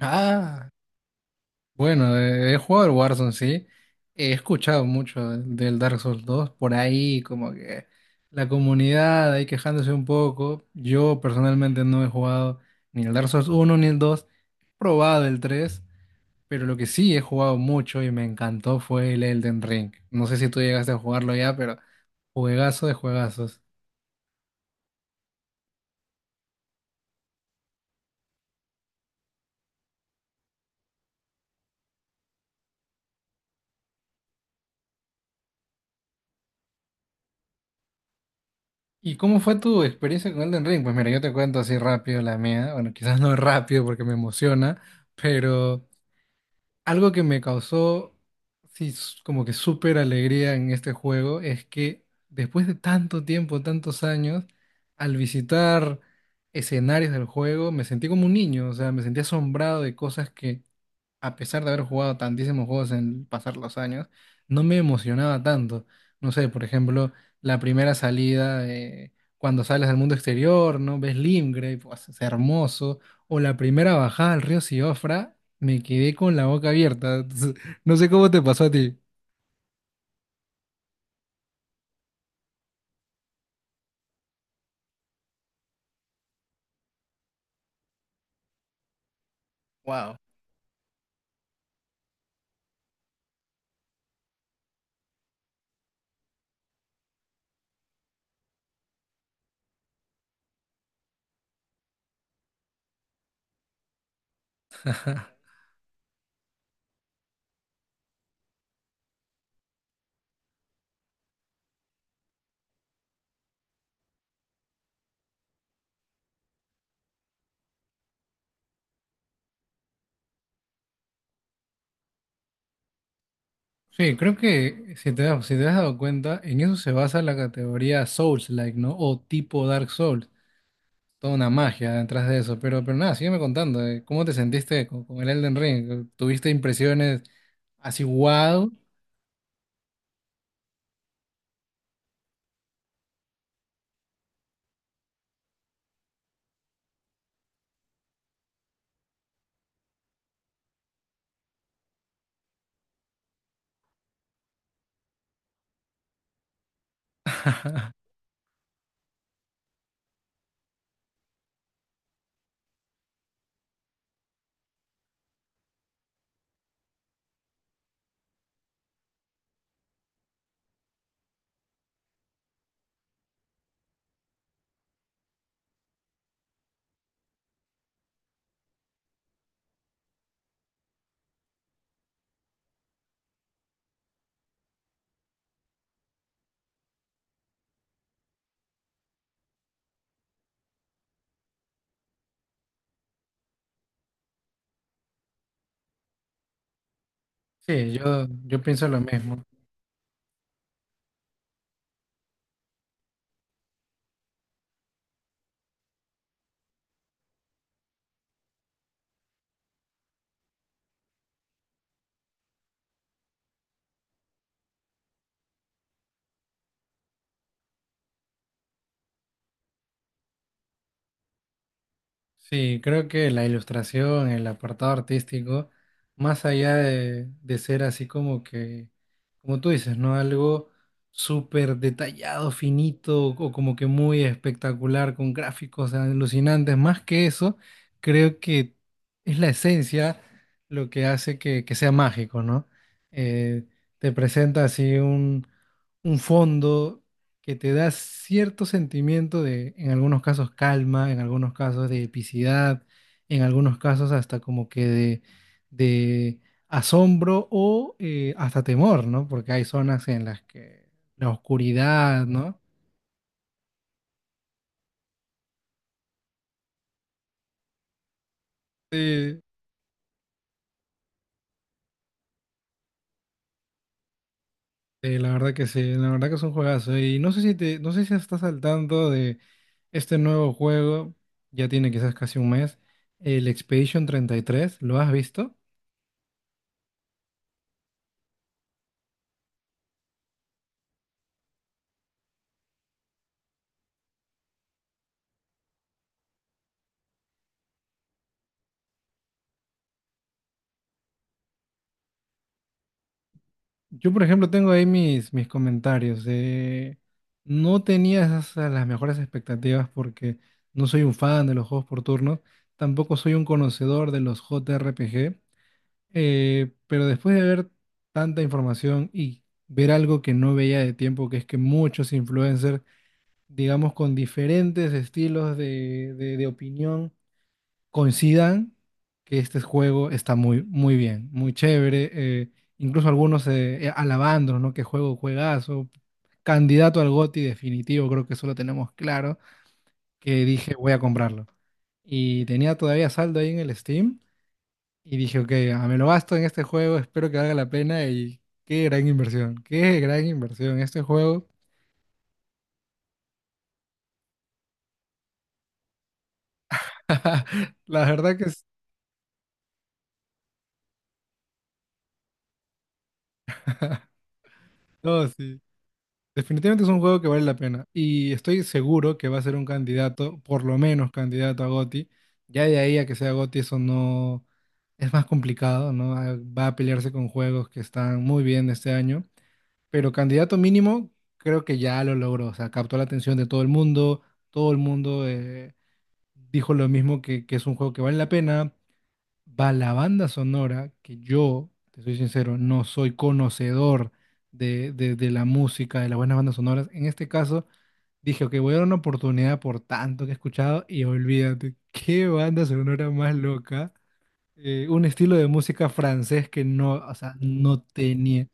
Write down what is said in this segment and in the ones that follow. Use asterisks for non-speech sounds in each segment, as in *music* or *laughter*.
Ah, bueno, He jugado el Warzone, sí. He escuchado mucho del Dark Souls dos por ahí, como que la comunidad ahí quejándose un poco. Yo personalmente no he jugado ni el Dark Souls uno ni el dos. He probado el 3, pero lo que sí he jugado mucho y me encantó fue el Elden Ring. No sé si tú llegaste a jugarlo ya, pero juegazo de juegazos. ¿Y cómo fue tu experiencia con Elden Ring? Pues mira, yo te cuento así rápido la mía. Bueno, quizás no rápido porque me emociona, pero... Algo que me causó, sí, como que súper alegría en este juego es que después de tanto tiempo, tantos años, al visitar escenarios del juego, me sentí como un niño, o sea, me sentí asombrado de cosas que a pesar de haber jugado tantísimos juegos en pasar los años, no me emocionaba tanto. No sé, por ejemplo, la primera salida, cuando sales al mundo exterior, ¿no? Ves Limgrave, pues, es hermoso. O la primera bajada al río Siofra, me quedé con la boca abierta. *laughs* Entonces, no sé cómo te pasó a ti. Wow. Sí, creo que si te, si te has dado cuenta, en eso se basa la categoría Souls-like, ¿no? O tipo Dark Souls. Toda una magia detrás de eso. Pero nada, sígueme contando. ¿Cómo te sentiste con el Elden Ring? ¿Tuviste impresiones así, wow? *laughs* Sí, yo pienso lo mismo. Sí, creo que la ilustración, el apartado artístico, más allá de ser así como que, como tú dices, ¿no? Algo súper detallado, finito o como que muy espectacular con gráficos alucinantes, más que eso, creo que es la esencia lo que hace que sea mágico, ¿no? Eh, te presenta así un fondo que te da cierto sentimiento de, en algunos casos, calma, en algunos casos de epicidad, en algunos casos hasta como que de asombro o hasta temor, ¿no? Porque hay zonas en las que la oscuridad, ¿no? Sí, sí, la verdad que sí, la verdad que es un juegazo. Y no sé si te, no sé si estás al tanto de este nuevo juego, ya tiene quizás casi un mes, el Expedition 33, ¿lo has visto? Yo, por ejemplo, tengo ahí mis, mis comentarios. No tenía a las mejores expectativas porque no soy un fan de los juegos por turnos, tampoco soy un conocedor de los JRPG, pero después de ver tanta información y ver algo que no veía de tiempo, que es que muchos influencers, digamos, con diferentes estilos de, de opinión, coincidan que este juego está muy, muy bien, muy chévere. Incluso algunos alabándonos, ¿no? Que juego, juegazo. Candidato al GOTY definitivo, creo que eso lo tenemos claro. Que dije, voy a comprarlo. Y tenía todavía saldo ahí en el Steam. Y dije, ok, ah, me lo gasto en este juego, espero que valga la pena. Y qué gran inversión este juego. *laughs* La verdad que es- no, sí. Definitivamente es un juego que vale la pena y estoy seguro que va a ser un candidato, por lo menos candidato a GOTY. Ya de ahí a que sea GOTY eso no es más complicado, ¿no? Ah, va a pelearse con juegos que están muy bien este año, pero candidato mínimo creo que ya lo logró, o sea, captó la atención de todo el mundo dijo lo mismo que es un juego que vale la pena, va la banda sonora, que yo, te soy sincero, no soy conocedor de, de la música, de las buenas bandas sonoras. En este caso, dije, ok, voy a dar una oportunidad por tanto que he escuchado y olvídate, *laughs* qué banda sonora más loca. Un estilo de música francés que no, o sea, no tenía.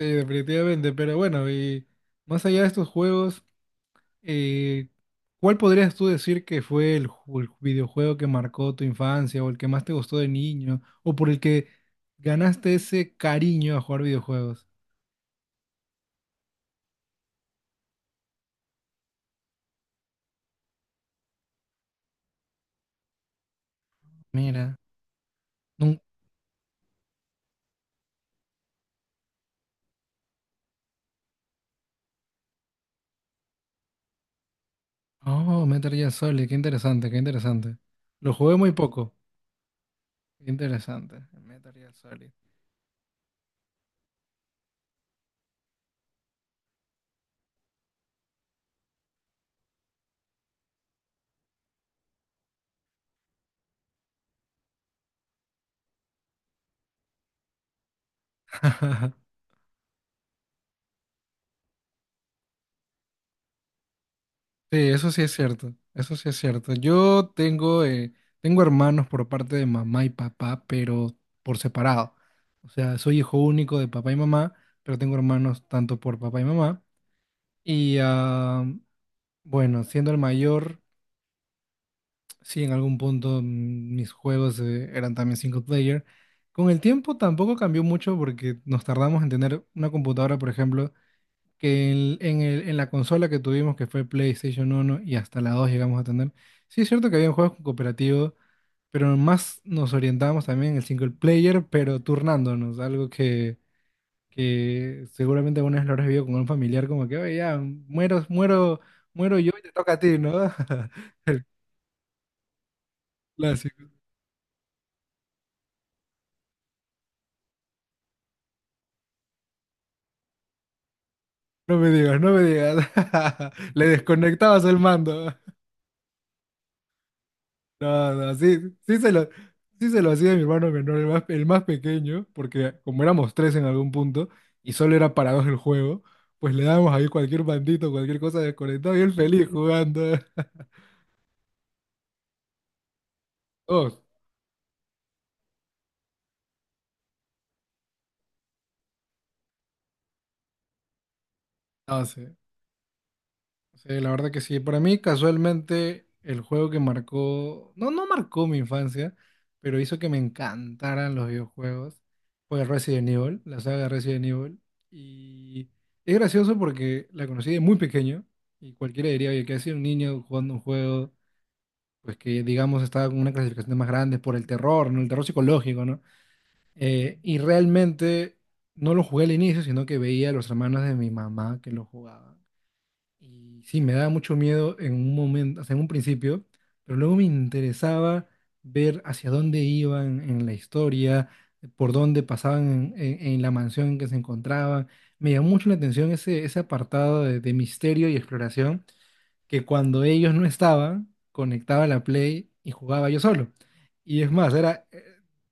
Sí, definitivamente, pero bueno, y más allá de estos juegos. Eh, ¿Cuál podrías tú decir que fue el, el videojuego que marcó tu infancia o el que más te gustó de niño o por el que ganaste ese cariño a jugar videojuegos? Mira, nun- oh, Metal Gear Solid, qué interesante, qué interesante. Lo jugué muy poco, qué interesante, Metal Gear Solid. *laughs* Sí, eso sí es cierto, eso sí es cierto. Yo tengo, tengo hermanos por parte de mamá y papá, pero por separado. O sea, soy hijo único de papá y mamá, pero tengo hermanos tanto por papá y mamá. Y ah, bueno, siendo el mayor, sí, en algún punto mis juegos eran también single player. Con el tiempo tampoco cambió mucho porque nos tardamos en tener una computadora, por ejemplo que en, en la consola que tuvimos, que fue PlayStation 1 y hasta la 2 llegamos a tener, sí es cierto que había juegos cooperativos, pero más nos orientábamos también en el single player, pero turnándonos, algo que seguramente alguna vez lo habrás vivido con un familiar, como que, oye, ya, muero, muero, muero yo y te toca a ti, ¿no? *laughs* El clásico. No me digas, no me digas. *laughs* Le desconectabas el mando. No, no, sí, sí se lo, sí se lo hacía a mi hermano menor, el más pequeño, porque como éramos tres en algún punto y solo era para dos el juego, pues le dábamos ahí cualquier bandito, cualquier cosa desconectada y él feliz jugando. *laughs* Dos, no sé. Sí, la verdad que sí. Para mí, casualmente, el juego que marcó, no, no marcó mi infancia, pero hizo que me encantaran los videojuegos, fue Resident Evil, la saga Resident Evil. Y es gracioso porque la conocí de muy pequeño y cualquiera diría, oye, que ha sido un niño jugando un juego, pues que digamos estaba con una clasificación más grande por el terror, ¿no? El terror psicológico, ¿no? Y realmente no lo jugué al inicio, sino que veía a los hermanos de mi mamá que lo jugaban. Y sí, me daba mucho miedo en un momento, o sea, en un principio, pero luego me interesaba ver hacia dónde iban en la historia, por dónde pasaban en, en la mansión en que se encontraban. Me llamó mucho la atención ese, ese apartado de misterio y exploración, que cuando ellos no estaban, conectaba la Play y jugaba yo solo. Y es más, era,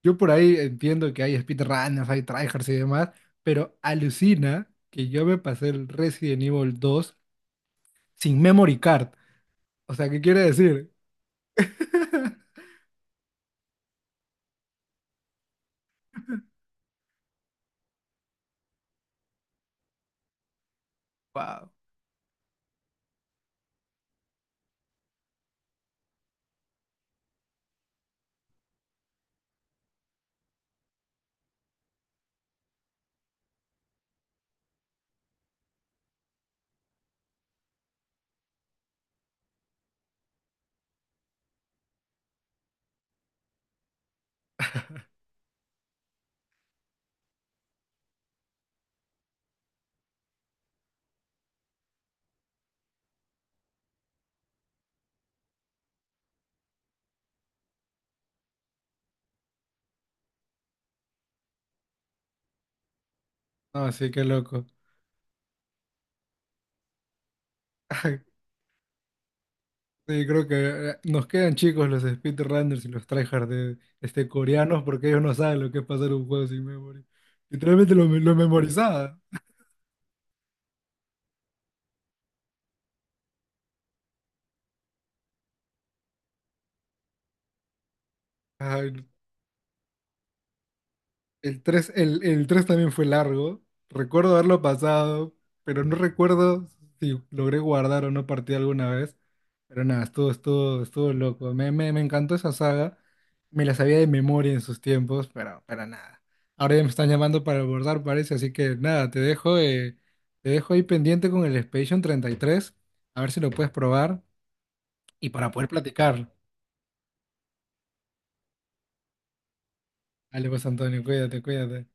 yo por ahí entiendo que hay speedrunners, hay tryhards y demás, pero alucina que yo me pasé el Resident Evil 2 sin memory card. O sea, ¿qué quiere decir? *laughs* Wow. No, sí, qué loco. *laughs* Sí, creo que nos quedan chicos los speedrunners y los tryhards de, este, coreanos porque ellos no saben lo que es pasar un juego sin memory. Literalmente lo memorizaba. Ay, el 3 el 3 también fue largo. Recuerdo haberlo pasado, pero no recuerdo si logré guardar o no partí alguna vez. Pero nada, estuvo, estuvo, estuvo loco. Me encantó esa saga. Me la sabía de memoria en sus tiempos, pero nada. Ahora ya me están llamando para abordar, parece. Así que nada, te dejo ahí pendiente con el Expedition 33. A ver si lo puedes probar y para poder platicar. Dale pues, Antonio, cuídate, cuídate.